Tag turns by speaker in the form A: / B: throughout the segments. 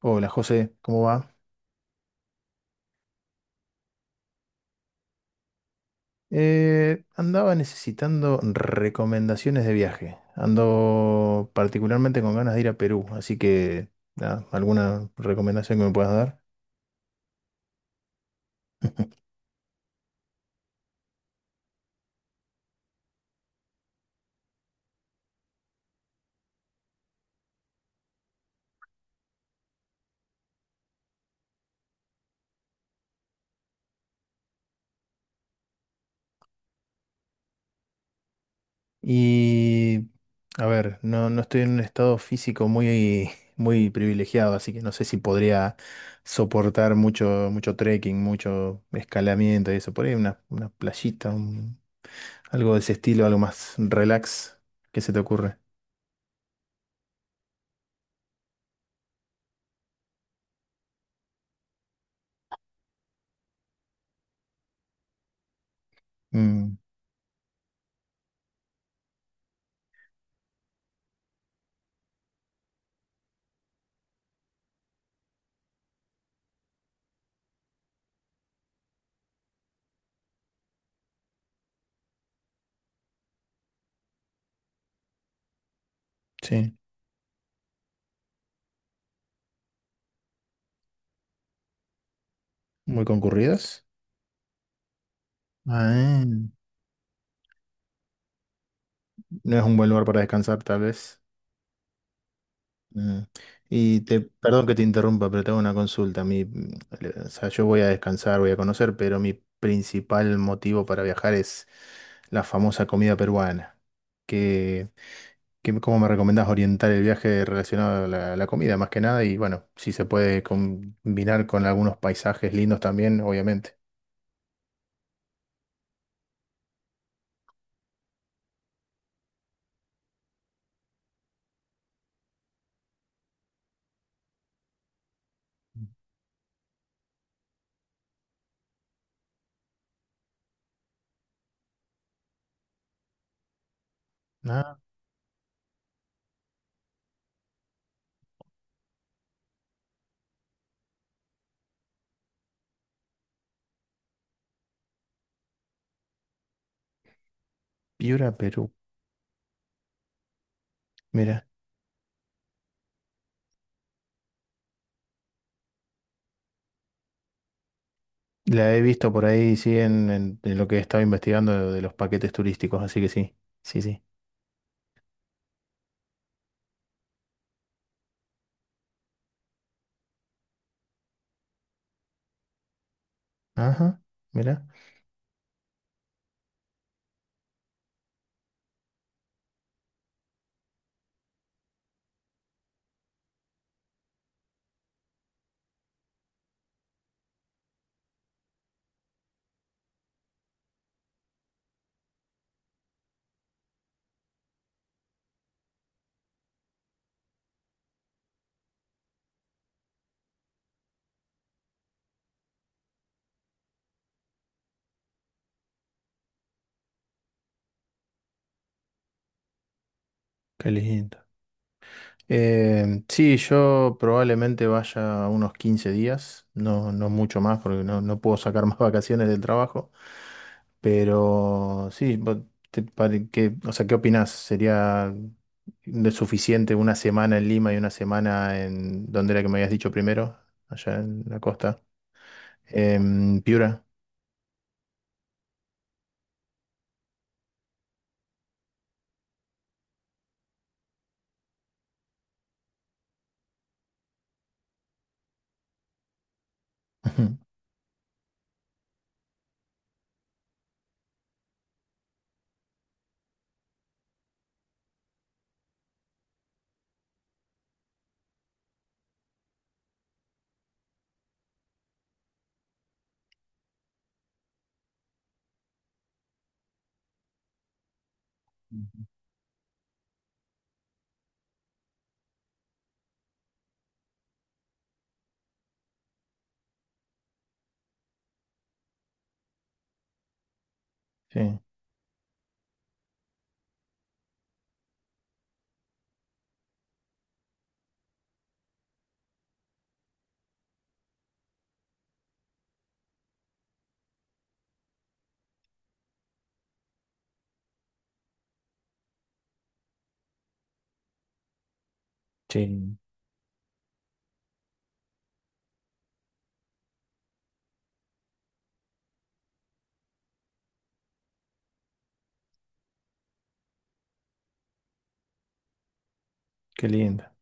A: Hola José, ¿cómo va? Andaba necesitando recomendaciones de viaje. Ando particularmente con ganas de ir a Perú, así que nada, alguna recomendación que me puedas dar. Y a ver, no estoy en un estado físico muy, muy privilegiado, así que no sé si podría soportar mucho, mucho trekking, mucho escalamiento y eso. Por ahí una playita, algo de ese estilo, algo más relax. ¿Qué se te ocurre? Mm, sí. Muy concurridas. Ah, no es un buen lugar para descansar, tal vez. Mm. Y te, perdón que te interrumpa, pero tengo una consulta. Mi, o sea, yo voy a descansar, voy a conocer, pero mi principal motivo para viajar es la famosa comida peruana. ¿Qué ¿cómo me recomendás orientar el viaje relacionado a la, la comida, más que nada? Y bueno, si se puede combinar con algunos paisajes lindos también, obviamente. Ah, Piura, Perú. Mira. La he visto por ahí, sí, en, en lo que estaba investigando de los paquetes turísticos, así que sí, sí, sí. Ajá, mira, qué lindo. Sí, yo probablemente vaya unos 15 días, no mucho más, porque no puedo sacar más vacaciones del trabajo. Pero sí, vos o sea, ¿qué opinás? ¿Sería de suficiente una semana en Lima y una semana en, ¿dónde era que me habías dicho primero? Allá en la costa. En Piura. Sí, sí, qué linda.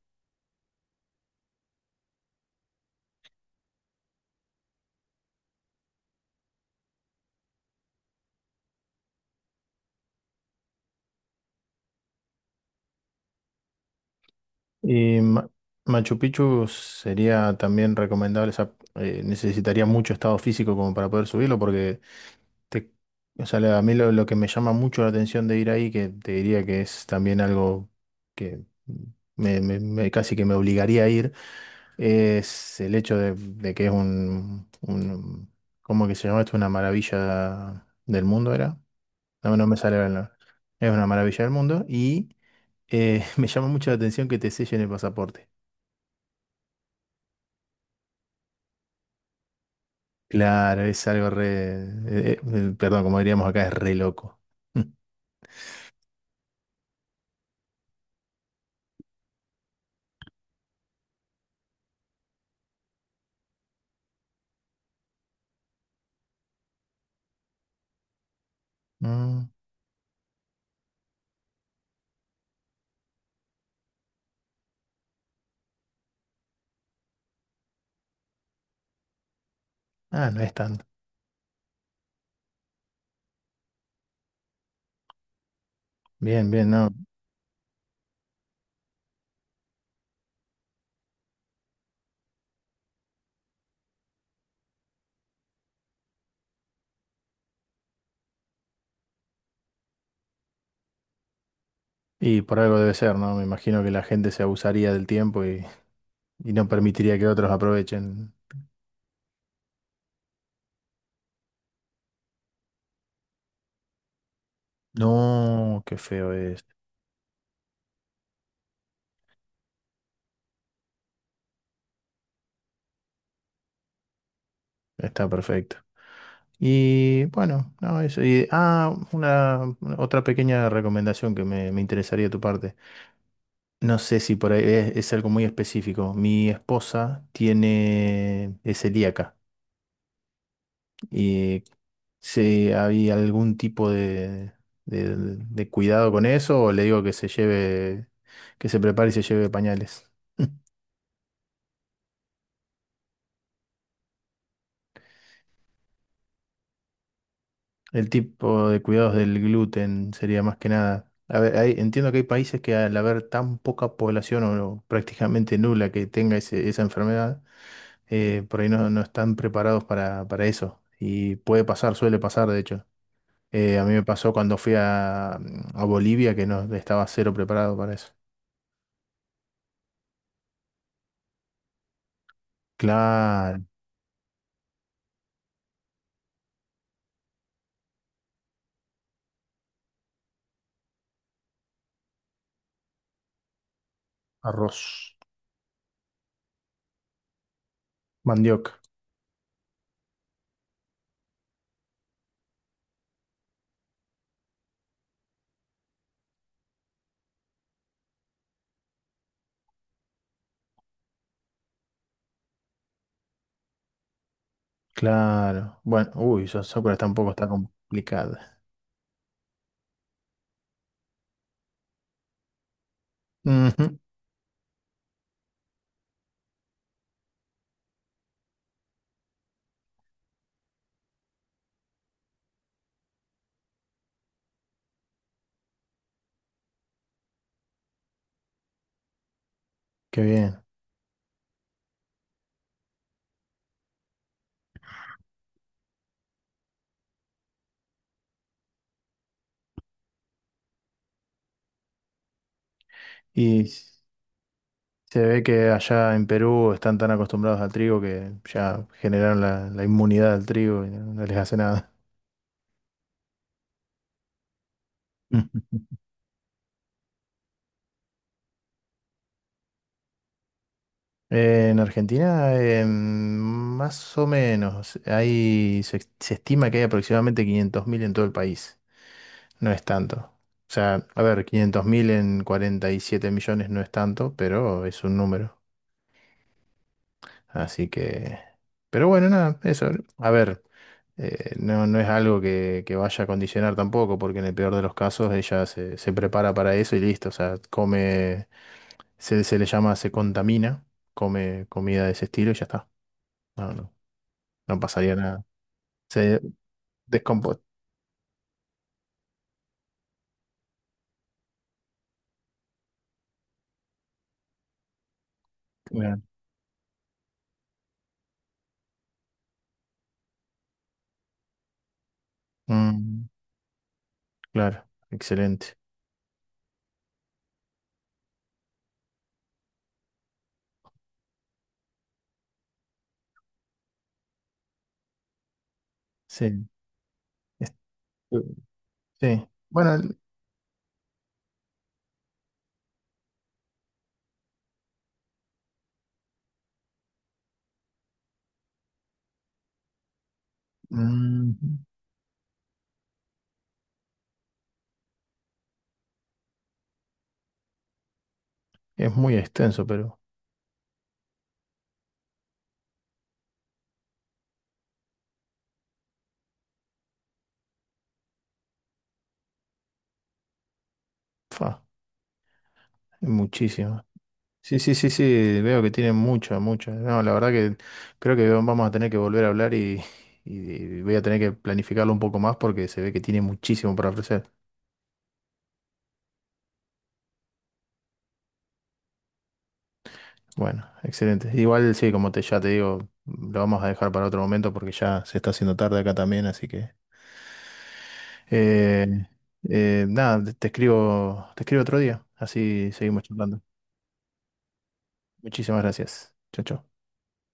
A: Y Ma- Machu Picchu sería también recomendable, o sea, necesitaría mucho estado físico como para poder subirlo, porque te- o sea, a mí lo que me llama mucho la atención de ir ahí, que te diría que es también algo que me, casi que me obligaría a ir, es el hecho de que es un, ¿cómo que se llama esto? Una maravilla del mundo, ¿era? No, no me sale Es una maravilla del mundo y... me llama mucho la atención que te sellen el pasaporte. Claro, es algo re... perdón, como diríamos acá, es re loco. Mm. Ah, no es tanto. Bien, bien, no. Y por algo debe ser, ¿no? Me imagino que la gente se abusaría del tiempo y no permitiría que otros aprovechen. No, qué feo es. Está perfecto. Y bueno, no, eso. Y, ah, una, otra pequeña recomendación que me interesaría de tu parte. No sé si por ahí es algo muy específico. Mi esposa tiene, es celíaca y si había algún tipo de, de cuidado con eso o le digo que se lleve, que se prepare y se lleve pañales. El tipo de cuidados del gluten sería más que nada. A ver, entiendo que hay países que al haber tan poca población o prácticamente nula que tenga esa enfermedad, por ahí no están preparados para eso. Y puede pasar, suele pasar, de hecho. A mí me pasó cuando fui a, a Bolivia que no estaba cero preparado para eso. Claro, arroz, mandioca, claro. Bueno, uy, Sócrates tampoco está complicada. Ujú, qué bien. Y se ve que allá en Perú están tan acostumbrados al trigo que ya generaron la, la inmunidad al trigo y no les hace nada. En Argentina, más o menos, hay, se estima que hay aproximadamente 500.000 en todo el país. No es tanto. O sea, a ver, 500.000 en 47 millones no es tanto, pero es un número. Así que... Pero bueno, nada, eso. A ver. No, no es algo que vaya a condicionar tampoco, porque en el peor de los casos ella se, se prepara para eso y listo, o sea, come, se le llama, se contamina, come comida de ese estilo y ya está. No, no, no pasaría nada. Se descompone. Claro. Mm, claro, excelente. Sí, es- sí. Bueno, mm, es muy extenso, pero fa, es muchísimo. Sí, sí, sí, sí, veo que tienen mucho, mucho. No, la verdad que creo que vamos a tener que volver a hablar y voy a tener que planificarlo un poco más porque se ve que tiene muchísimo para ofrecer. Bueno, excelente. Igual sí, como te, ya te digo, lo vamos a dejar para otro momento porque ya se está haciendo tarde acá también, así que eh, nada, te escribo, te escribo otro día, así seguimos charlando. Muchísimas gracias. Chao, chao.